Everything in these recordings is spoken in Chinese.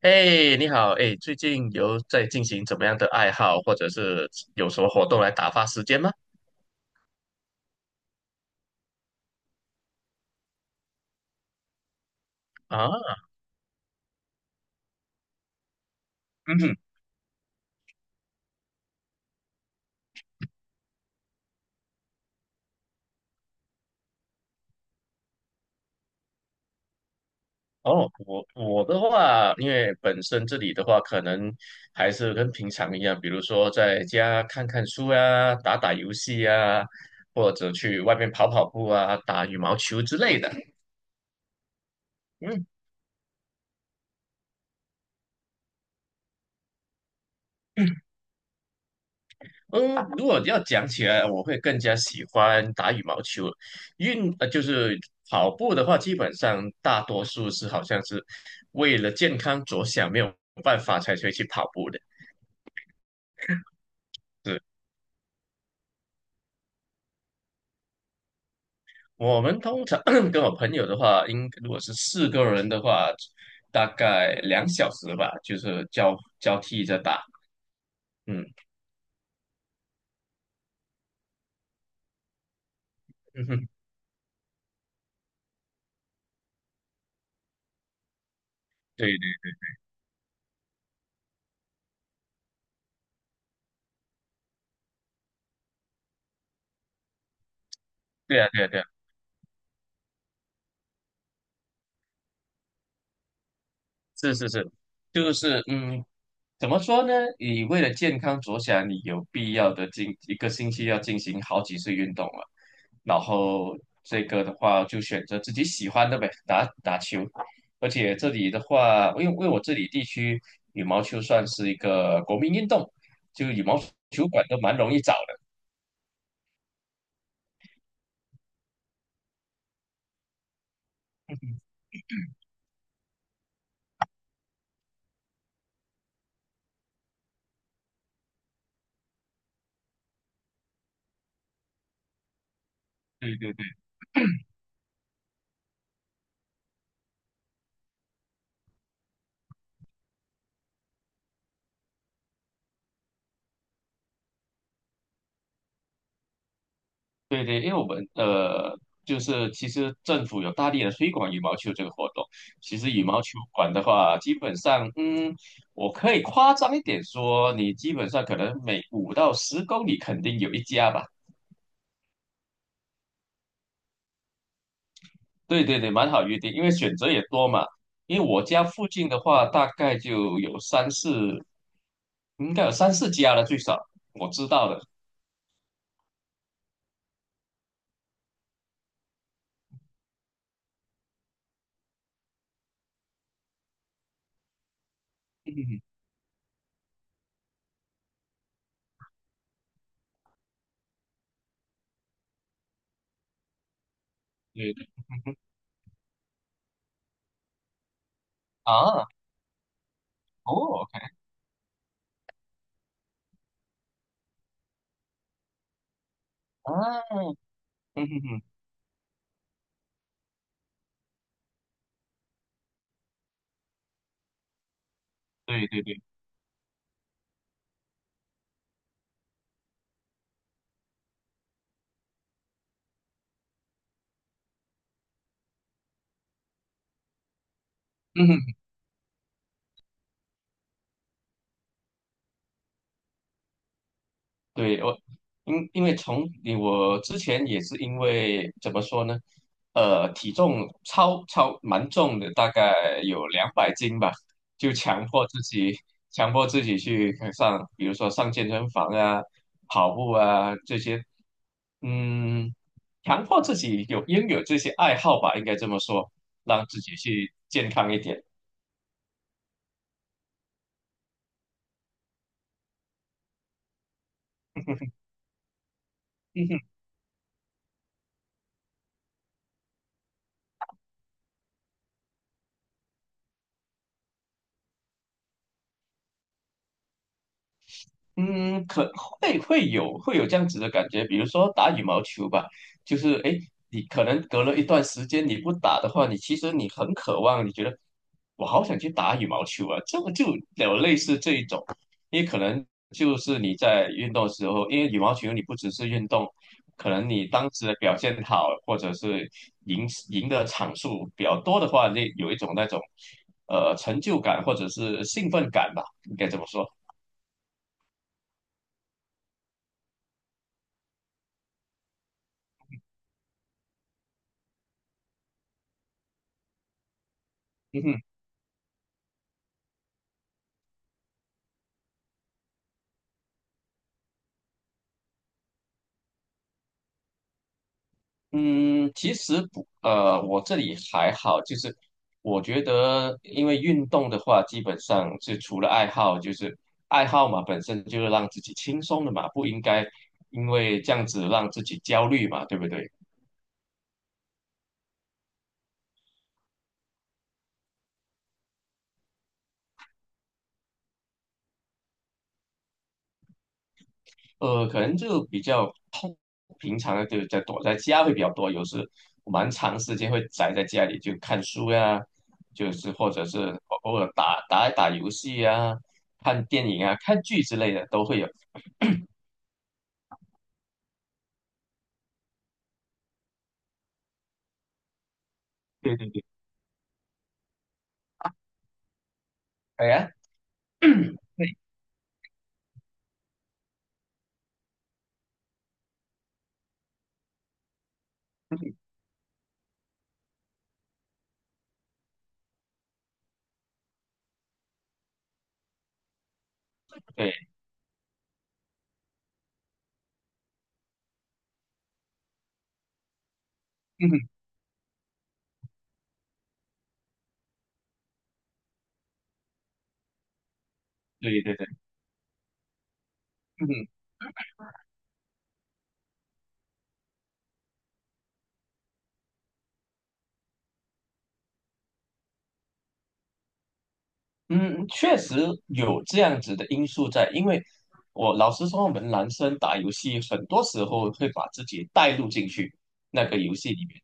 哎，你好，哎，最近有在进行怎么样的爱好，或者是有什么活动来打发时间吗？啊，嗯哼，哦，我的话，因为本身这里的话，可能还是跟平常一样，比如说在家看看书啊，打打游戏啊，或者去外面跑跑步啊，打羽毛球之类的。嗯，嗯，如果要讲起来，我会更加喜欢打羽毛球。就是跑步的话，基本上大多数是好像是为了健康着想，没有办法才会去跑步的。是我们通常 跟我朋友的话，如果是4个人的话，大概2小时吧，就是交替着打。嗯，嗯，对对对啊，对啊，对啊。是是是，就是怎么说呢？你为了健康着想，你有必要的进一个星期要进行好几次运动了。然后这个的话，就选择自己喜欢的呗，打打球。而且这里的话，因为我这里地区羽毛球算是一个国民运动，就羽毛球馆都蛮容易找的。对对。对对，因为我们就是其实政府有大力的推广羽毛球这个活动。其实羽毛球馆的话，基本上，嗯，我可以夸张一点说，你基本上可能每5到10公里肯定有一家吧。对对对，蛮好预定，因为选择也多嘛。因为我家附近的话，大概就有三四，应该有三四家了，最少我知道的。嗯，对对啊，哦我看啊，嗯哼哼，嗯对对对，嗯哼。对，我因为从你我之前也是因为怎么说呢，呃，体重蛮重的，大概有200斤吧，就强迫自己去上，比如说上健身房啊、跑步啊这些，嗯，强迫自己有拥有这些爱好吧，应该这么说，让自己去健康一点。嗯，可会会有会有这样子的感觉，比如说打羽毛球吧，就是诶，你可能隔了一段时间你不打的话，你其实你很渴望，你觉得我好想去打羽毛球啊，这个就有类似这一种，因为可能就是你在运动的时候，因为羽毛球你不只是运动，可能你当时的表现好，或者是赢的场数比较多的话，那有一种那种成就感或者是兴奋感吧，应该这么说。嗯，其实不，呃，我这里还好，就是我觉得，因为运动的话，基本上是除了爱好，就是爱好嘛，本身就是让自己轻松的嘛，不应该因为这样子让自己焦虑嘛，对不对？可能就比较痛，平常的就在躲在家会比较多，有时我蛮长时间会宅在家里，就看书呀，就是或者是偶尔打一打游戏呀，看电影啊，看剧之类的都会有。对对对，哎呀。对对，嗯哼，对对对，嗯哼，嗯，确实有这样子的因素在，因为我老实说，我们男生打游戏很多时候会把自己带入进去那个游戏里面。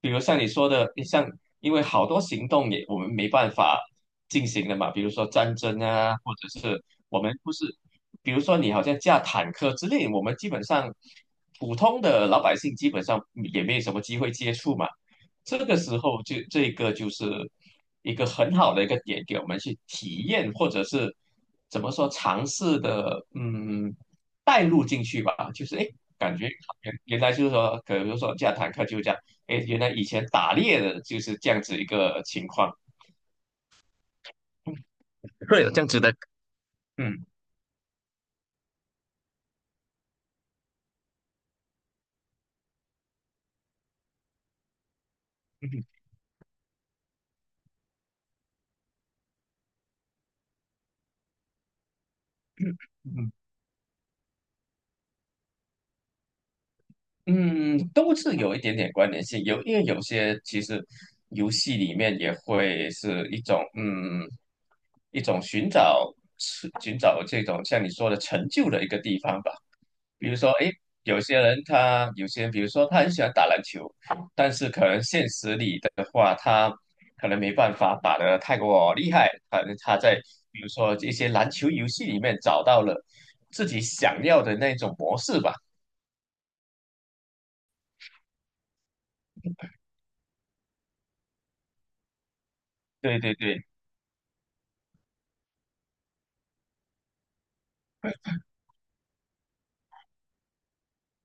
比如像你说的，像因为好多行动也我们没办法进行的嘛，比如说战争啊，或者是我们不是，比如说你好像驾坦克之类，我们基本上普通的老百姓基本上也没有什么机会接触嘛。这个时候就是一个很好的一个点，给我们去体验或者是怎么说尝试的，嗯，带入进去吧，就是哎。诶，感觉原来就是说，可能说驾坦克就这样。哎，原来以前打猎的就是这样子一个情况。会有这样子的，嗯，嗯嗯，嗯，嗯都是有一点点关联性。有，因为有些其实游戏里面也会是一种一种寻找这种像你说的成就的一个地方吧。比如说，诶，有些人，比如说他很喜欢打篮球，但是可能现实里的话，他可能没办法打得太过厉害，反正他在比如说一些篮球游戏里面找到了自己想要的那种模式吧。对对对，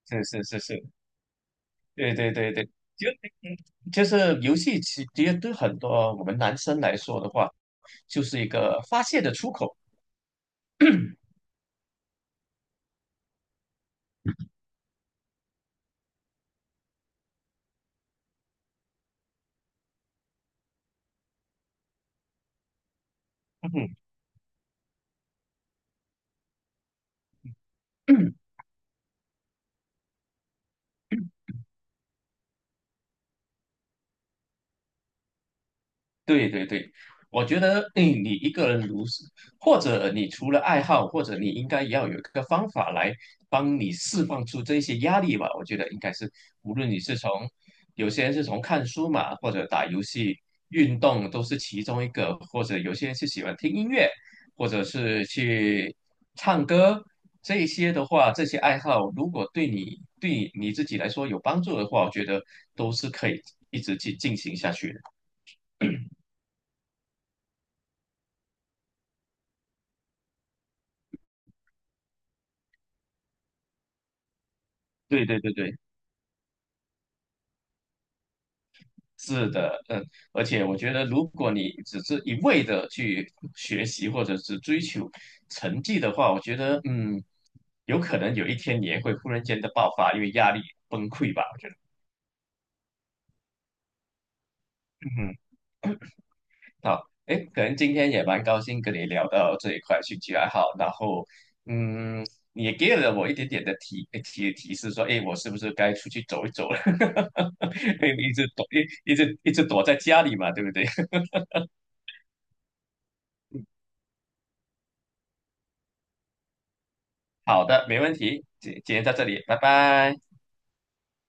是是是是，对对对对，就就是游戏其实对很多我们男生来说的话，就是一个发泄的出口。嗯哼。 对对对，我觉得，哎，你一个人如是，或者你除了爱好，或者你应该也要有一个方法来帮你释放出这些压力吧。我觉得应该是，无论你是从，有些人是从看书嘛，或者打游戏、运动都是其中一个，或者有些人是喜欢听音乐，或者是去唱歌，这一些的话，这些爱好如果对你对你自己来说有帮助的话，我觉得都是可以一直去进行下去的。对对对对。是的，嗯，而且我觉得，如果你只是一味的去学习或者是追求成绩的话，我觉得，嗯，有可能有一天你也会忽然间的爆发，因为压力崩溃吧。我觉得，嗯，好，哎，可能今天也蛮高兴跟你聊到这一块兴趣爱好，然后，嗯，你也给了我一点点的提示，说，哎，我是不是该出去走一走了？因为一直躲在家里嘛，对不对？好的，没问题，今天到这里，拜拜。